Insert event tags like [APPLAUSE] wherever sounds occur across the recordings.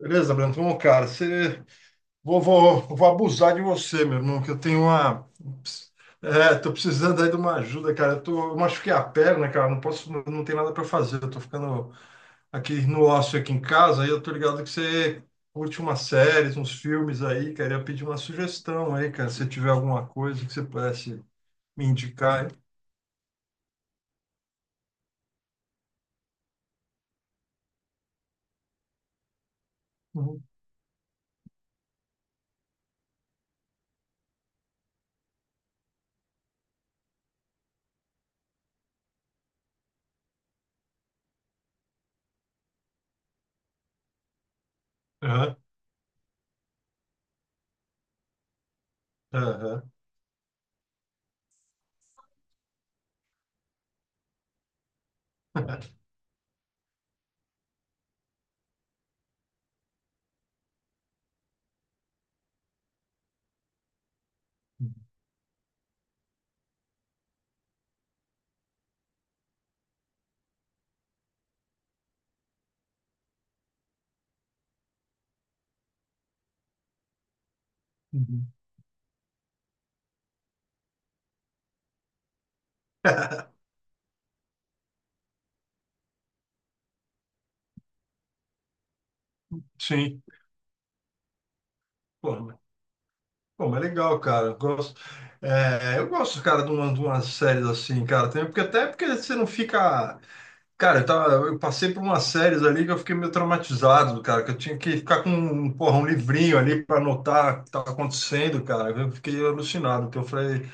Beleza, Brandon? Bom, cara, você... vou abusar de você, meu irmão, que eu tenho uma. É, tô precisando aí de uma ajuda, cara. Eu, tô... eu machuquei a perna, cara. Não posso, não, não tem nada para fazer. Eu tô ficando aqui no ócio aqui em casa, aí eu tô ligado que você curte umas séries, uns filmes aí, cara. Eu ia pedir uma sugestão aí, cara. Se tiver alguma coisa que você pudesse me indicar aí. Uhum. Aham, aham. [LAUGHS] Uhum. Sim. Pô, Pô, mas legal, cara. Eu gosto, é, eu gosto, cara, de uma, de umas séries assim, cara, também, porque até porque você não fica. Cara, eu, eu passei por umas séries ali que eu fiquei meio traumatizado, cara, que eu tinha que ficar com um, porra, um livrinho ali para anotar o que estava acontecendo, cara. Eu fiquei alucinado, que eu falei,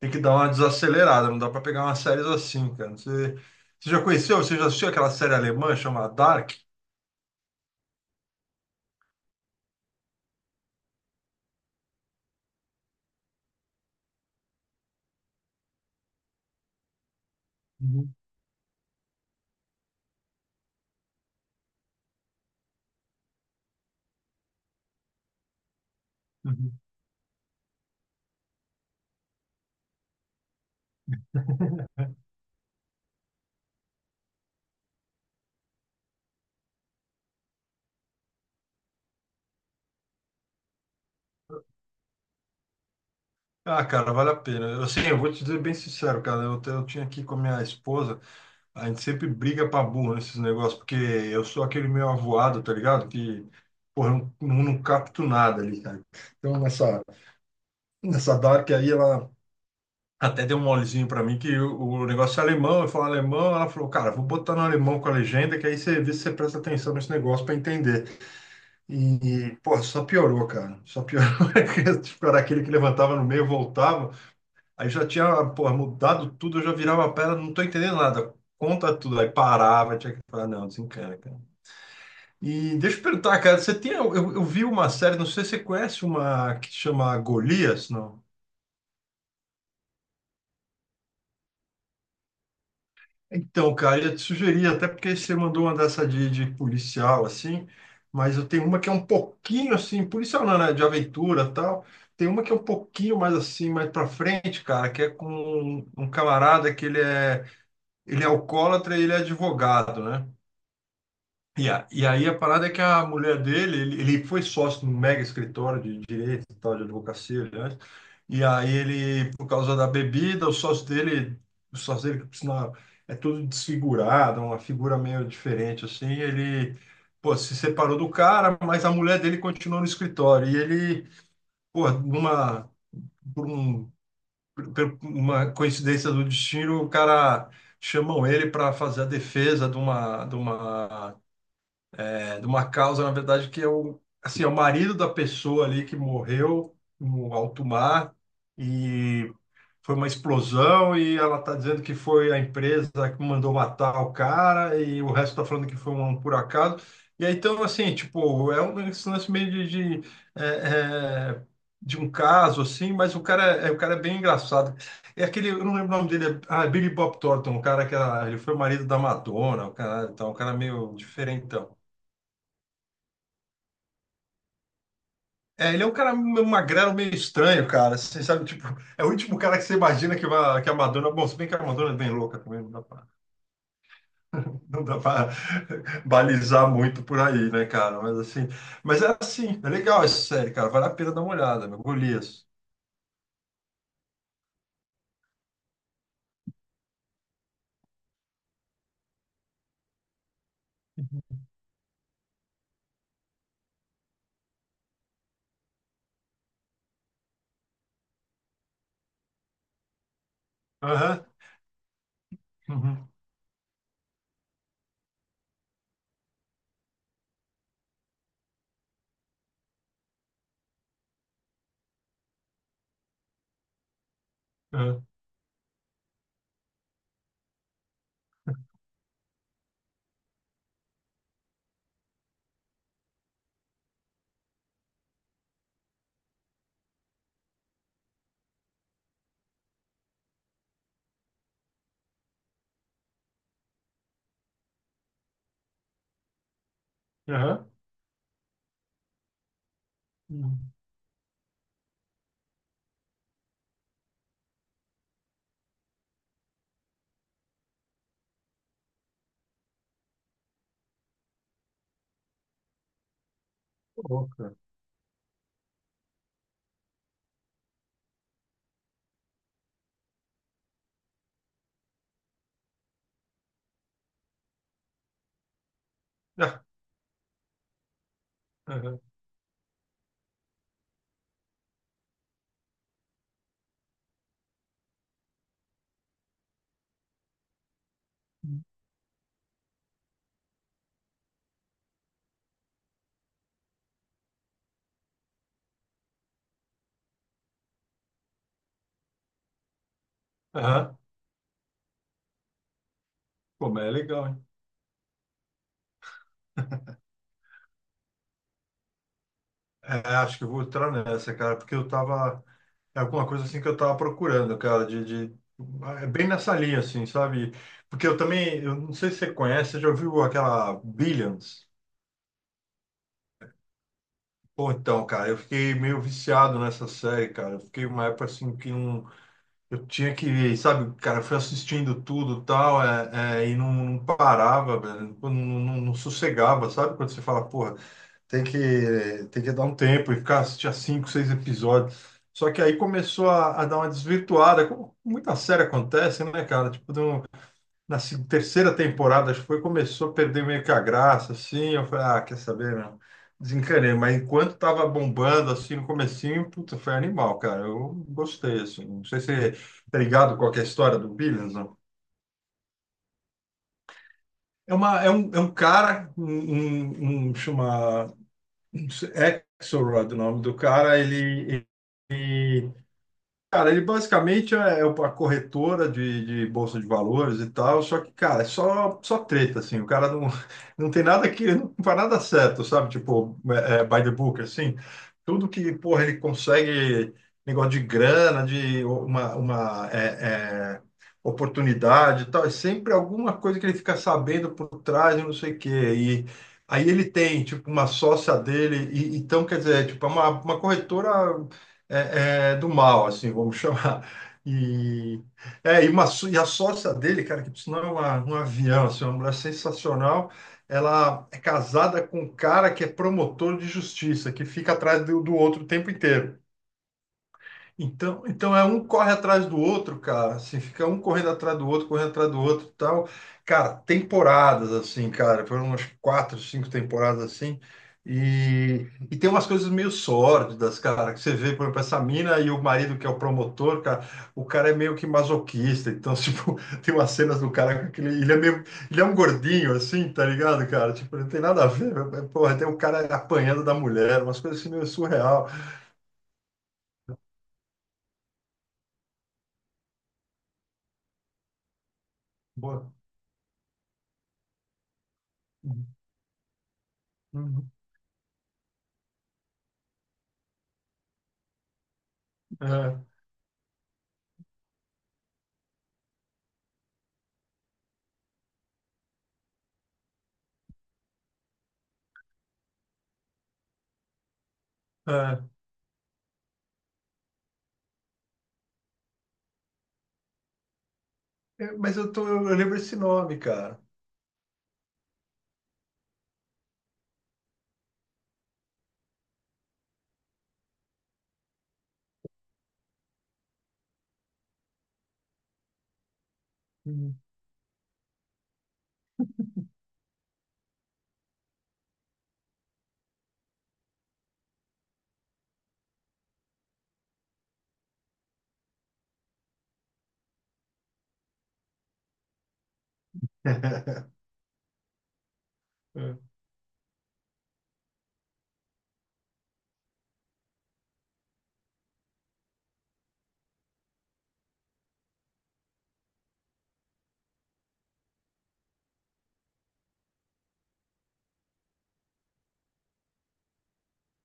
tem que dar uma desacelerada, não dá para pegar umas séries assim, cara. Você, você já conheceu, você já assistiu aquela série alemã chamada Dark? Uhum, uhum. [LAUGHS] Ah, cara, vale a pena. Eu, assim, eu vou te dizer bem sincero, cara. Eu, eu tinha aqui com a minha esposa, a gente sempre briga pra burro nesses negócios, porque eu sou aquele meio avoado, tá ligado? Que, porra, eu não, não capto nada ali, cara. Então, nessa Dark aí, ela até deu um molezinho pra mim, que o negócio é alemão, eu falo alemão, ela falou, cara, vou botar no alemão com a legenda, que aí você vê se você presta atenção nesse negócio pra entender. E, porra, só piorou, cara. Só piorou. [LAUGHS] Tipo, era aquele que levantava no meio, voltava. Aí já tinha, pô, mudado tudo, eu já virava a pedra, não tô entendendo nada. Conta tudo, aí parava, tinha que falar, não, desencana, cara. E deixa eu perguntar, cara, você tem, eu vi uma série, não sei se você conhece uma que chama Golias, não? Então, cara, eu ia te sugerir, até porque você mandou uma dessa de policial, assim, mas eu tenho uma que é um pouquinho, assim, policial não, né, de aventura e tal. Tem uma que é um pouquinho mais, assim, mais pra frente, cara, que é com um, um camarada que ele é alcoólatra e ele é advogado, né? E, a, e aí a parada é que a mulher dele, ele foi sócio num mega escritório de direito e tal, de advocacia, aliás. E aí ele, por causa da bebida, o sócio dele, que por sinal é todo desfigurado, uma figura meio diferente, assim, ele, pô, se separou do cara, mas a mulher dele continuou no escritório. E ele, pô, numa, por um, por uma coincidência do destino, o cara chamam ele para fazer a defesa de uma é, de uma causa, na verdade, que é o, assim, é o marido da pessoa ali que morreu no alto mar e foi uma explosão e ela está dizendo que foi a empresa que mandou matar o cara e o resto está falando que foi um por acaso. E aí, então, assim, tipo, é um esse lance meio de, é, é, de um caso, assim, mas o cara é bem engraçado. É aquele, eu não lembro o nome dele, é, ah, é Billy Bob Thornton, o cara que era, ele foi o marido da Madonna, o cara, então, um cara meio diferentão. É, ele é um cara meio magrelo, meio estranho, cara. Você sabe, tipo, é o último cara que você imagina que, vai, que a Madonna. Bom, se bem que a Madonna é bem louca também, não dá pra [LAUGHS] balizar muito por aí, né, cara? Mas assim. Mas é assim, é legal essa série, cara. Vale a pena dar uma olhada, meu. Golias. Aham. Uhum. Aham. Aham. Uhum. Pô, cara. Ah, aham. Aham. Pô, mas é legal, hein? É, acho que eu vou entrar nessa, cara, porque eu tava. É alguma coisa assim que eu tava procurando, cara, de... É bem nessa linha, assim, sabe? Porque eu também, eu não sei se você conhece, você já ouviu aquela Billions? Pô, então, cara, eu fiquei meio viciado nessa série, cara. Eu fiquei uma época assim que não, eu tinha que, sabe, cara, eu fui assistindo tudo e tal, é, é, e não, não parava, velho, não, não, não sossegava, sabe? Quando você fala, porra, Tem que, tem que dar um tempo e ficar assistir a cinco, seis episódios. Só que aí começou a dar uma desvirtuada, como muita série acontece, né, cara? Tipo, na se- terceira temporada, acho que foi, começou a perder meio que a graça, assim. Eu falei, ah, quer saber, meu? Desencanei. Mas enquanto tava bombando, assim, no comecinho, puta, foi animal, cara. Eu gostei, assim. Não sei se tá ligado com a história do Billions, não. É, uma, é um cara, um, um chama um Axelrod, o nome do cara, ele cara, ele basicamente é uma corretora de bolsa de valores e tal, só que, cara, é só, só treta, assim, o cara não, [LAUGHS] não tem nada que, não faz nada certo, sabe? Tipo, é, é, by the book, assim, tudo que, porra, ele consegue, negócio de grana, de uma é, é, oportunidade e tal, é sempre alguma coisa que ele fica sabendo por trás e não sei o quê, e aí ele tem, tipo, uma sócia dele, e, então, quer dizer, tipo, é uma corretora é, é, do mal, assim, vamos [LAUGHS] chamar. E, é, e, uma, e a sócia dele, cara, que por sinal é uma, um avião, assim, uma mulher sensacional, ela é casada com um cara que é promotor de justiça, que fica atrás do, do outro o tempo inteiro. Então, então é um corre atrás do outro, cara. Assim, fica um correndo atrás do outro, correndo atrás do outro, e tal. Cara, temporadas assim, cara, foram umas quatro, cinco temporadas assim. E tem umas coisas meio sórdidas, cara, que você vê, por exemplo, essa mina e o marido que é o promotor, cara, o cara é meio que masoquista, então, [LAUGHS] tipo, tem umas cenas do cara com aquele, ele é meio, ele é um gordinho, assim, tá ligado, cara? Tipo, não tem nada a ver, mas, porra, tem o cara apanhando da mulher, umas coisas assim meio surreal. Boa. Uhum. Uhum. É. Ah, é, mas eu tô, eu lembro esse nome, cara. Hum. [LAUGHS] É,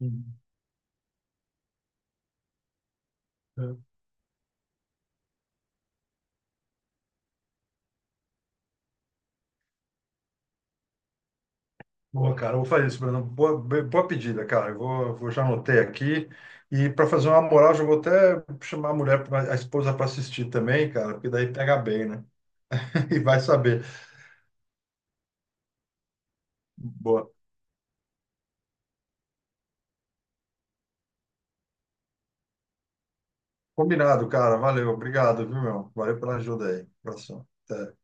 hum. É. Boa, cara. Eu vou fazer isso, Bruno. Boa, boa pedida, cara. Eu vou, vou já anotei aqui. E para fazer uma moral, já vou até chamar a mulher, a esposa para assistir também, cara, porque daí pega bem, né? [LAUGHS] E vai saber. Boa. Combinado, cara. Valeu. Obrigado, viu, meu? Valeu pela ajuda aí. Abração. Até.